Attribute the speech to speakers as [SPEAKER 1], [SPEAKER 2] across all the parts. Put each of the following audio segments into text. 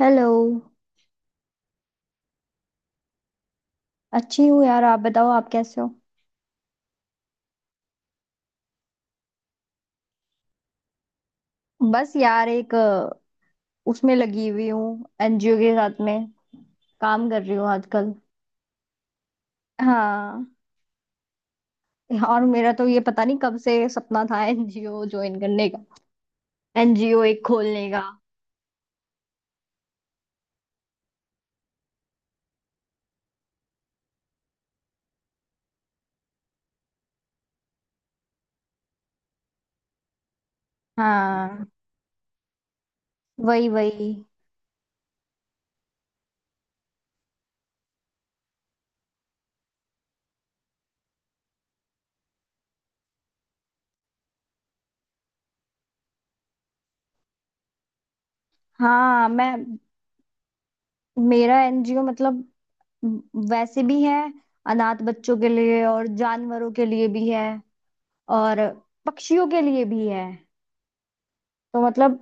[SPEAKER 1] Hello. अच्छी हूँ यार, आप बताओ, आप कैसे हो? बस यार, एक उसमें लगी हुई हूँ, एनजीओ के साथ में काम कर रही हूँ आजकल। हाँ। और मेरा तो ये पता नहीं कब से सपना था एनजीओ ज्वाइन करने का, एनजीओ एक खोलने का। हाँ, वही वही। हाँ, मैं मेरा एनजीओ मतलब वैसे भी है, अनाथ बच्चों के लिए, और जानवरों के लिए भी है, और पक्षियों के लिए भी है। तो मतलब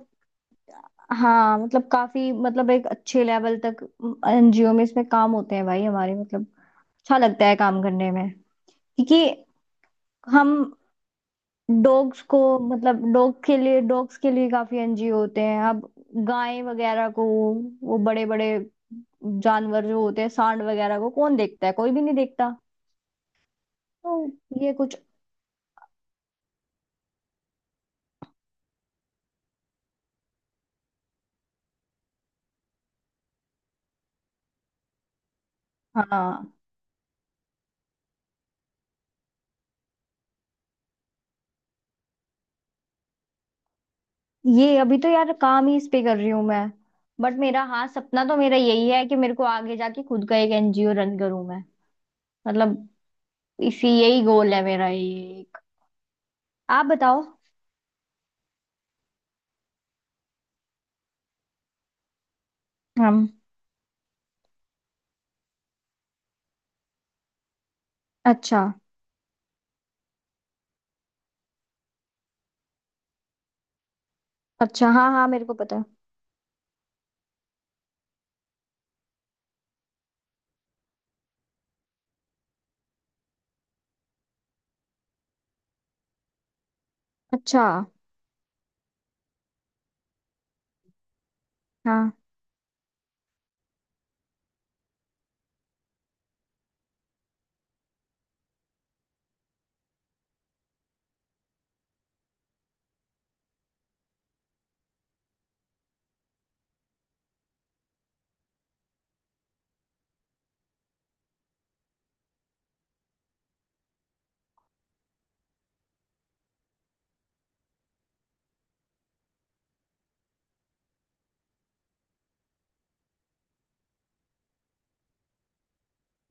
[SPEAKER 1] हाँ मतलब काफी मतलब एक अच्छे लेवल तक एनजीओ में, इसमें काम होते हैं भाई हमारे, मतलब अच्छा लगता है काम करने में, क्योंकि हम डॉग्स को मतलब डॉग के लिए, डॉग्स के लिए काफी एनजीओ होते हैं अब। गाय वगैरह को, वो बड़े बड़े जानवर जो होते हैं सांड वगैरह को, कौन देखता है? कोई भी नहीं देखता। तो ये कुछ। हाँ, ये अभी तो यार काम ही इस पे कर रही हूँ मैं, बट मेरा हाँ सपना तो मेरा यही है कि मेरे को आगे जाके खुद का एक एनजीओ रन करूँ मैं। मतलब इसी यही गोल है मेरा, ये एक। आप बताओ। हम। अच्छा। अच्छा, हाँ हाँ, मेरे को पता है। अच्छा। हाँ।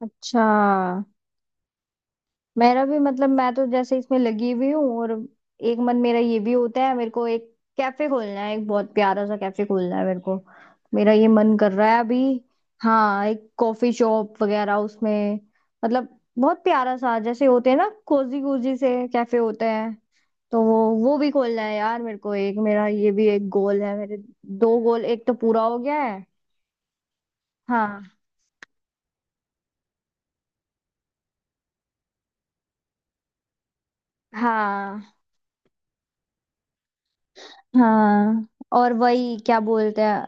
[SPEAKER 1] अच्छा, मेरा भी मतलब, मैं तो जैसे इसमें लगी हुई हूँ, और एक मन मेरा ये भी होता है, मेरे को एक कैफे खोलना है, एक बहुत प्यारा सा कैफे खोलना है मेरे को। मेरा ये मन कर रहा है अभी। हाँ, एक कॉफी शॉप वगैरह उसमें। मतलब बहुत प्यारा सा, जैसे होते हैं ना कोजी कोजी से कैफे होते हैं। तो वो भी खोलना है यार मेरे को एक, मेरा ये भी एक गोल है मेरे। दो गोल, एक तो पूरा हो गया है। हाँ। हाँ, हाँ। और वही क्या बोलते हैं?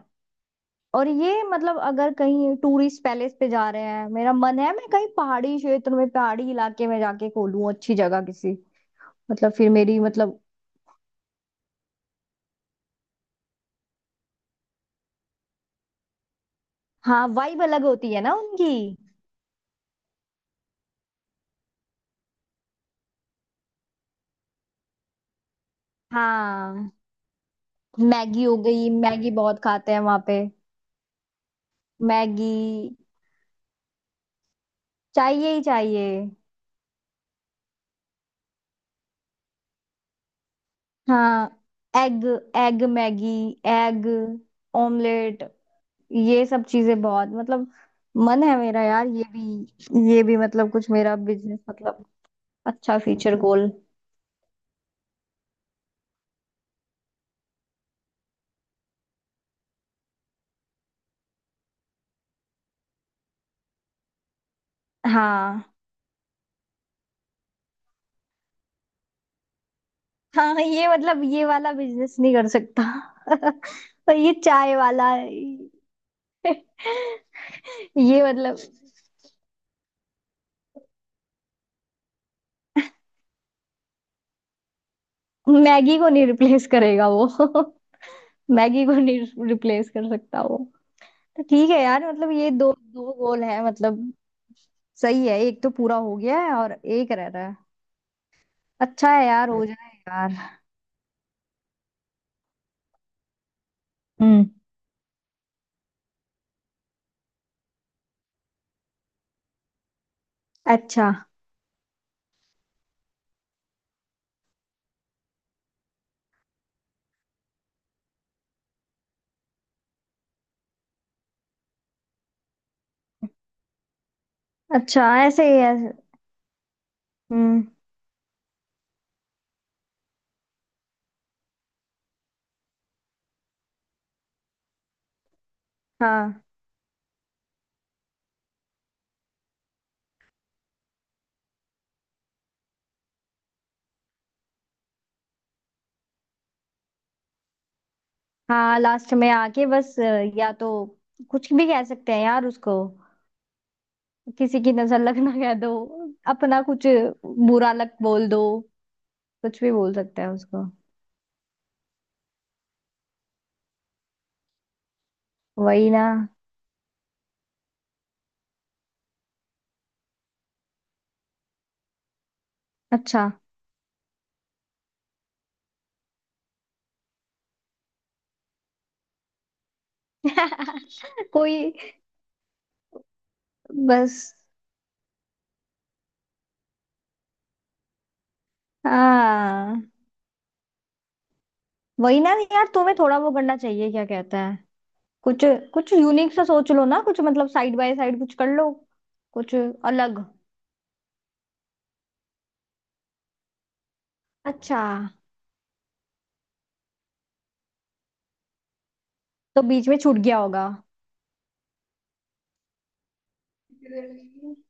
[SPEAKER 1] और ये मतलब अगर कहीं टूरिस्ट पैलेस पे जा रहे हैं, मेरा मन है मैं कहीं पहाड़ी क्षेत्र में, पहाड़ी इलाके में जाके खोलूं, अच्छी जगह किसी। मतलब फिर मेरी मतलब, हाँ वाइब अलग होती है ना उनकी। हाँ। मैगी हो गई, मैगी बहुत खाते हैं वहां पे। मैगी चाहिए ही चाहिए। हाँ, egg, egg Maggi, egg omelette, ये सब चीजें बहुत मतलब। मन है मेरा यार, ये भी मतलब कुछ मेरा बिजनेस मतलब। अच्छा फ्यूचर गोल। हाँ। हाँ, ये मतलब ये वाला बिजनेस नहीं कर सकता। और ये चाय वाला। ये मतलब मैगी को नहीं रिप्लेस करेगा वो। मैगी को नहीं रिप्लेस कर सकता वो। तो ठीक है यार मतलब, ये दो दो गोल है, मतलब सही है, एक तो पूरा हो गया है और एक रह रहा है। अच्छा है यार, हो जाए यार। हम्म। अच्छा। अच्छा ऐसे ही है। हम्म। हाँ। हाँ, लास्ट में आके बस या तो कुछ भी कह सकते हैं यार उसको। किसी की नजर लगना कह दो। अपना कुछ बुरा लग बोल दो। कुछ भी बोल सकते हैं उसको। वही ना। अच्छा। कोई बस। हाँ, वही ना यार, तुम्हें थोड़ा वो करना चाहिए, क्या कहता है, कुछ कुछ यूनिक सा सोच लो ना, कुछ मतलब साइड बाय साइड कुछ कर लो, कुछ अलग। अच्छा। तो बीच में छूट गया होगा।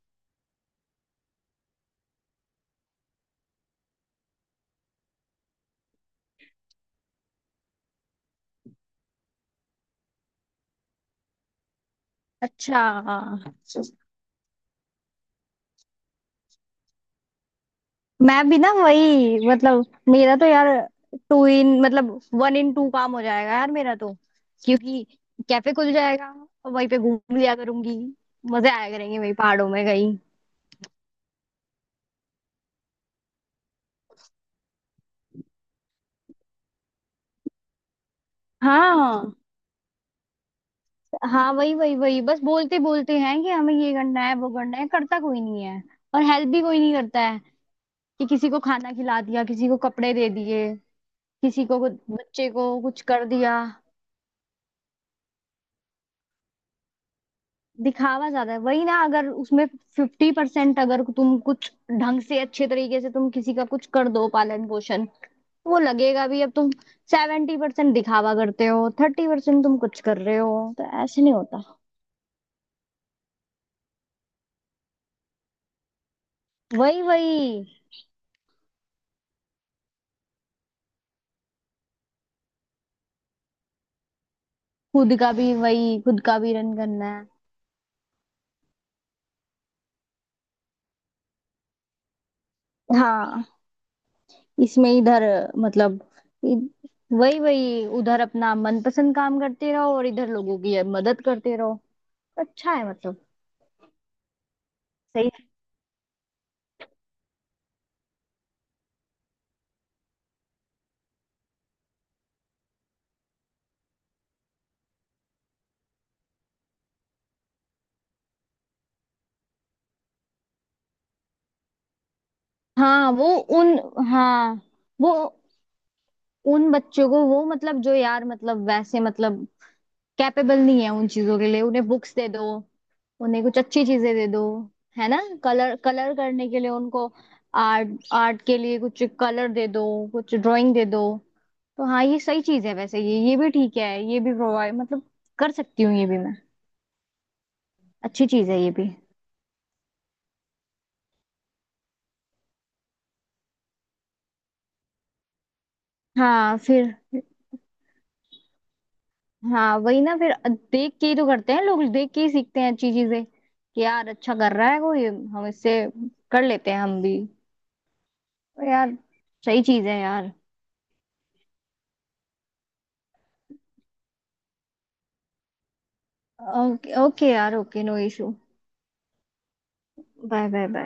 [SPEAKER 1] अच्छा। मैं भी ना वही मतलब, मेरा तो यार टू इन मतलब वन इन टू काम हो जाएगा यार मेरा तो, क्योंकि कैफे खुल जाएगा और वहीं पे घूम लिया करूंगी। मजे आया करेंगे वही पहाड़ों में कहीं। हाँ। हाँ, वही वही वही, बस बोलते बोलते हैं कि हमें ये करना है वो करना है, करता कोई नहीं है। और हेल्प भी कोई नहीं करता है कि किसी को खाना खिला दिया, किसी को कपड़े दे दिए, बच्चे को कुछ कर दिया। दिखावा ज्यादा है वही ना, अगर उसमें 50% अगर तुम कुछ ढंग से अच्छे तरीके से तुम किसी का कुछ कर दो, पालन पोषण, तो वो लगेगा भी। अब तुम 70% दिखावा करते हो, 30% तुम कुछ कर रहे हो, तो ऐसे नहीं होता। वही वही। खुद का भी, वही खुद का भी रन करना है। हाँ इसमें इधर मतलब इ- वही वही उधर अपना मनपसंद काम करते रहो और इधर लोगों की मदद करते रहो। अच्छा है मतलब। सही। हाँ वो उन। हाँ वो उन बच्चों को, वो मतलब जो यार मतलब वैसे मतलब कैपेबल नहीं है उन चीजों के लिए, उन्हें बुक्स दे दो, उन्हें कुछ अच्छी चीजें दे दो, है ना, कलर कलर करने के लिए उनको, आर्ट आर्ट के लिए कुछ कलर दे दो, कुछ ड्राइंग दे दो। तो हाँ ये सही चीज है, वैसे ये भी ठीक है, ये भी प्रोवाइड मतलब कर सकती हूँ ये भी मैं। अच्छी चीज है ये भी। हाँ फिर। हाँ वही ना फिर, देख के ही तो करते हैं लोग, देख के ही सीखते हैं अच्छी चीजें, कि यार अच्छा कर रहा है कोई, हम इससे कर लेते हैं हम भी। तो यार सही चीज है यार। ओके ओके यार, okay no issue. Bye bye bye.